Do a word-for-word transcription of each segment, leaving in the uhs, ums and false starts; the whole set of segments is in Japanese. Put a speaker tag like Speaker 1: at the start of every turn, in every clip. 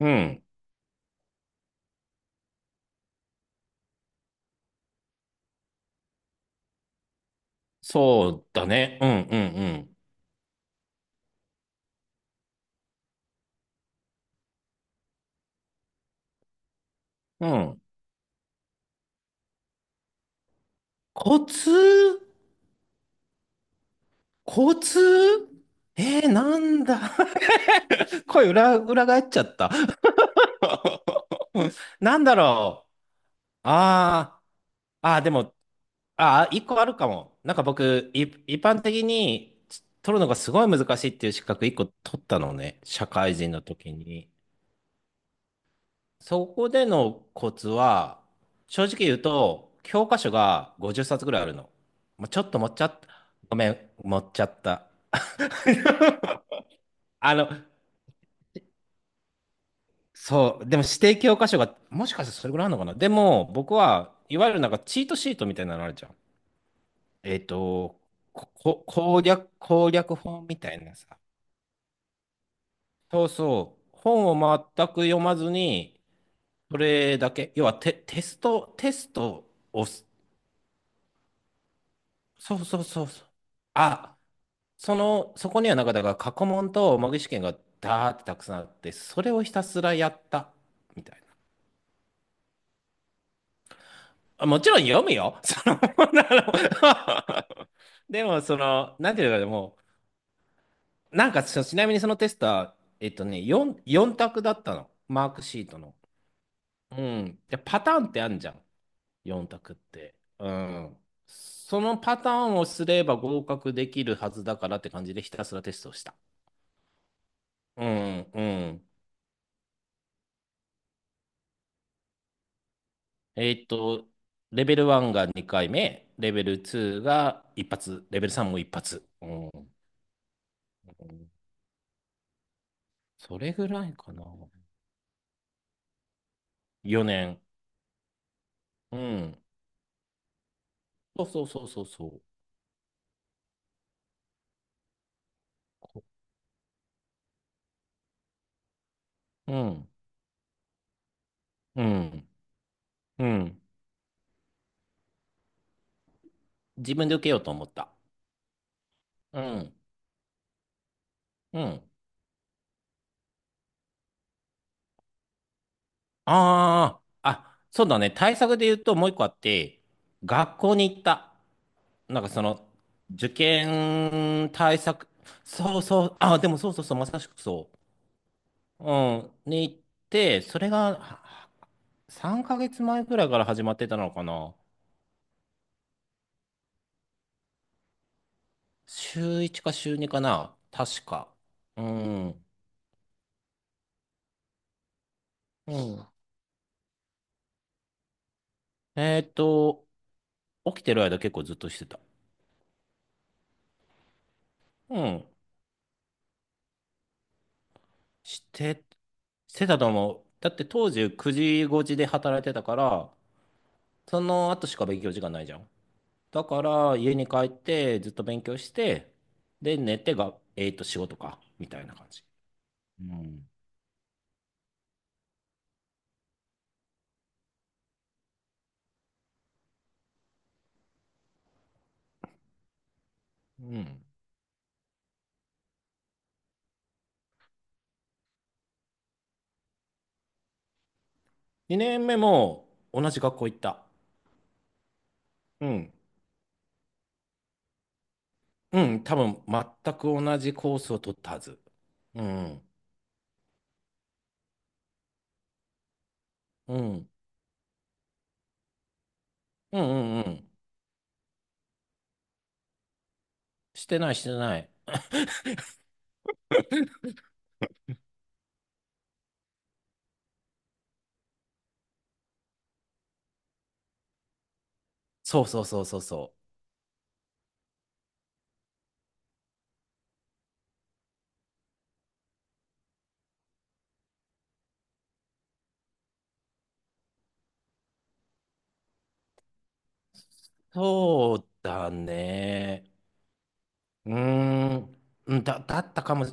Speaker 1: うん。そうだね。うん、うん、うん。うん。コツ。コツ。えー、なんだ。 声裏、裏返っちゃった。 なんだろう。ああ、ああ、でも、ああ、一個あるかも。なんか僕、い、一般的に取るのがすごい難しいっていう資格一個取ったのね。社会人の時に。そこでのコツは、正直言うと、教科書がごじゅっさつぐらいあるの。まあ、ちょっと持っちゃった。ごめん、持っちゃった。あの、そう、でも指定教科書が、もしかしてそれぐらいあるのかな。でも、僕はいわゆるなんかチートシートみたいなのあるじゃん。えっと、こ、こ攻略、攻略本みたいなさ。そうそう。本を全く読まずに、それだけ。要はテ、テスト、テストをす、そうそうそうそう。あ、その、そこにはなんかだから過去問と模擬試験がダーってたくさんあって、それをひたすらやった、みたいな。あ、もちろん読むよ。その、あの でも、その、なんていうかでもう、なんかそちなみにそのテストは、えっとね、よん、よん択だったの。マークシートの。うん。で、パターンってあんじゃん。よん択って。うん。そのパターンをすれば合格できるはずだからって感じでひたすらテストをした。うん、うん。えーっと、レベルいちがにかいめ、レベルにが一発、レベルさんも一発。うん。それぐらいかな。よねん。うん。そうそうそうそうそう。こうん。うん。うん。自分で受けようと思った。うん。うん。ああ、あ、そうだね。対策で言うともう一個あって、学校に行った。なんかその、受験対策、そうそう、あ、でもそうそうそう、まさしくそう。うん。に行って、それがはさんかげつまえくらいから始まってたのかな。週いちか週にかな。確か。うん。うん。えっと、起きてる間結構ずっとしてた。うん。して、してたと思う。だって当時くじごじで働いてたから、その後しか勉強時間ないじゃん。だから家に帰ってずっと勉強して、で寝てが、えっと仕事か。みたいな感じ。うん。うん。にねんめも同じ学校行った。うん。うん、多分全く同じコースを取ったはず。うん。うん。うんうんうん。してないしてない。そうそうそうそうそう。そうだね。うーん。うんだ、だったかも、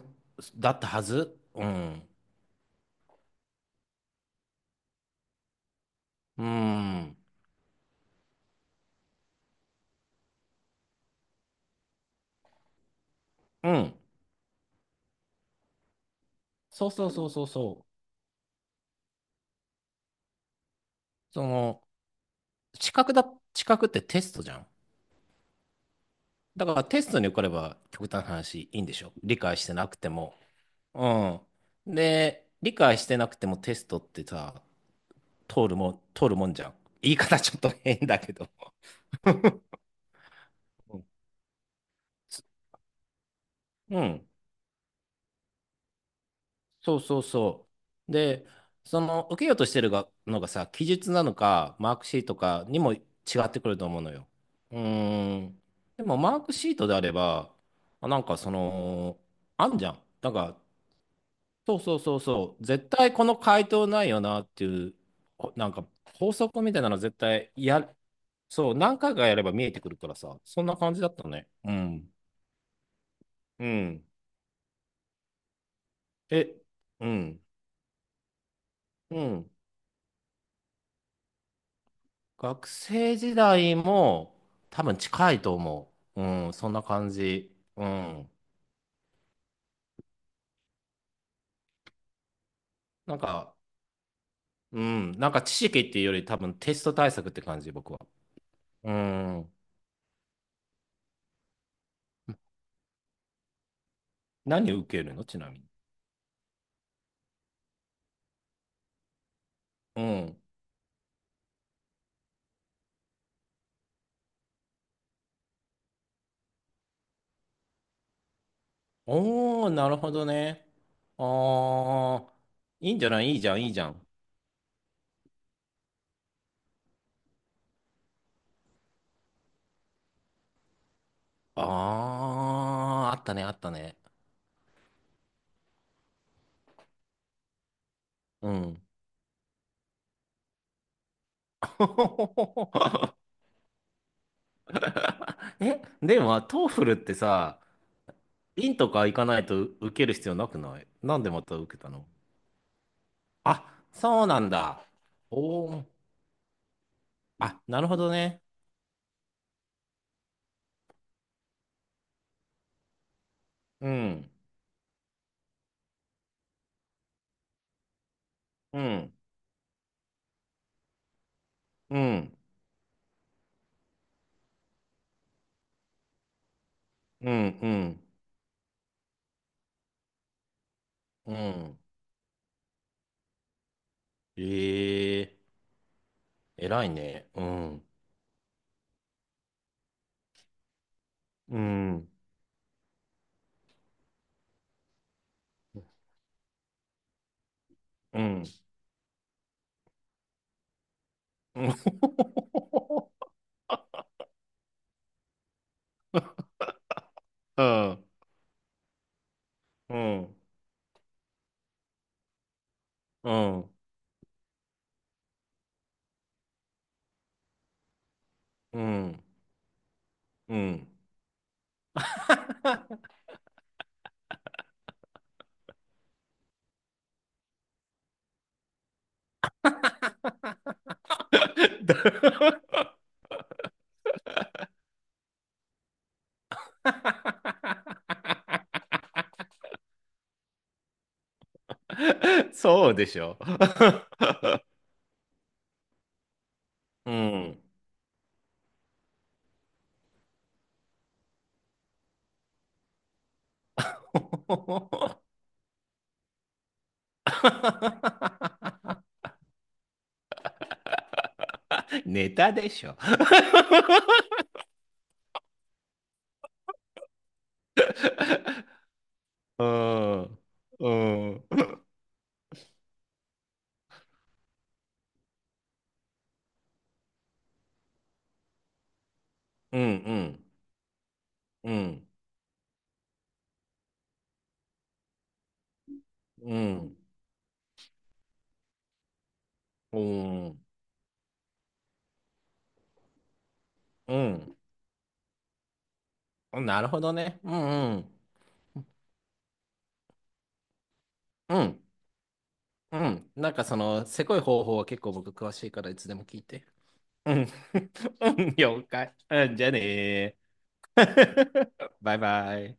Speaker 1: だったはず。うん。うん。うん。そうそうそうそうそう。その、資格だ、資格ってテストじゃん。だからテストに受かれば極端な話いいんでしょ、理解してなくても。うん。で、理解してなくてもテストってさ、通るもん、通るもんじゃん。言い方ちょっと変だけど。うん。つうん、そうそうそう。で、その、受けようとしてるがのがさ、記述なのか、マークシートかにも違ってくると思うのよ。うーん。でも、マークシートであれば、あなんかその、あんじゃん。なんか、そうそうそうそう。絶対この回答ないよなっていう、こなんか、法則みたいなの絶対や、そう、何回かやれば見えてくるからさ、そんな感じだったね。うん。うん。え、うん。うん。学生時代も多分近いと思う。うん、そんな感じ。うん。なんか、うん、なんか知識っていうより多分テスト対策って感じ、僕は。うん。何を受けるのちなみに。うん。おー、なるほどね。あー、いいんじゃない？いいじゃん、いいじゃん。あー、あったね、あったね。うん。え、でも、トーフルってさ、院とか行かないと受ける必要なくない？なんでまた受けたの？あ、そうなんだ。おお。あ、なるほどね。うん、うん、うん、うん、うん、うん。ええー、偉いね。うん、うん、うん、うん、うん、うん、うん、うん。うん。 だ。 そうでしょ。うん。ネタでしょ。うん。うん。うん。うん。うん。うん。うん。なるほどね。うんうん。うん。うん。なんかその、せこい方法は結構僕詳しいからいつでも聞いて。うん。うん。了解。うん。じゃあねー。バイバイ。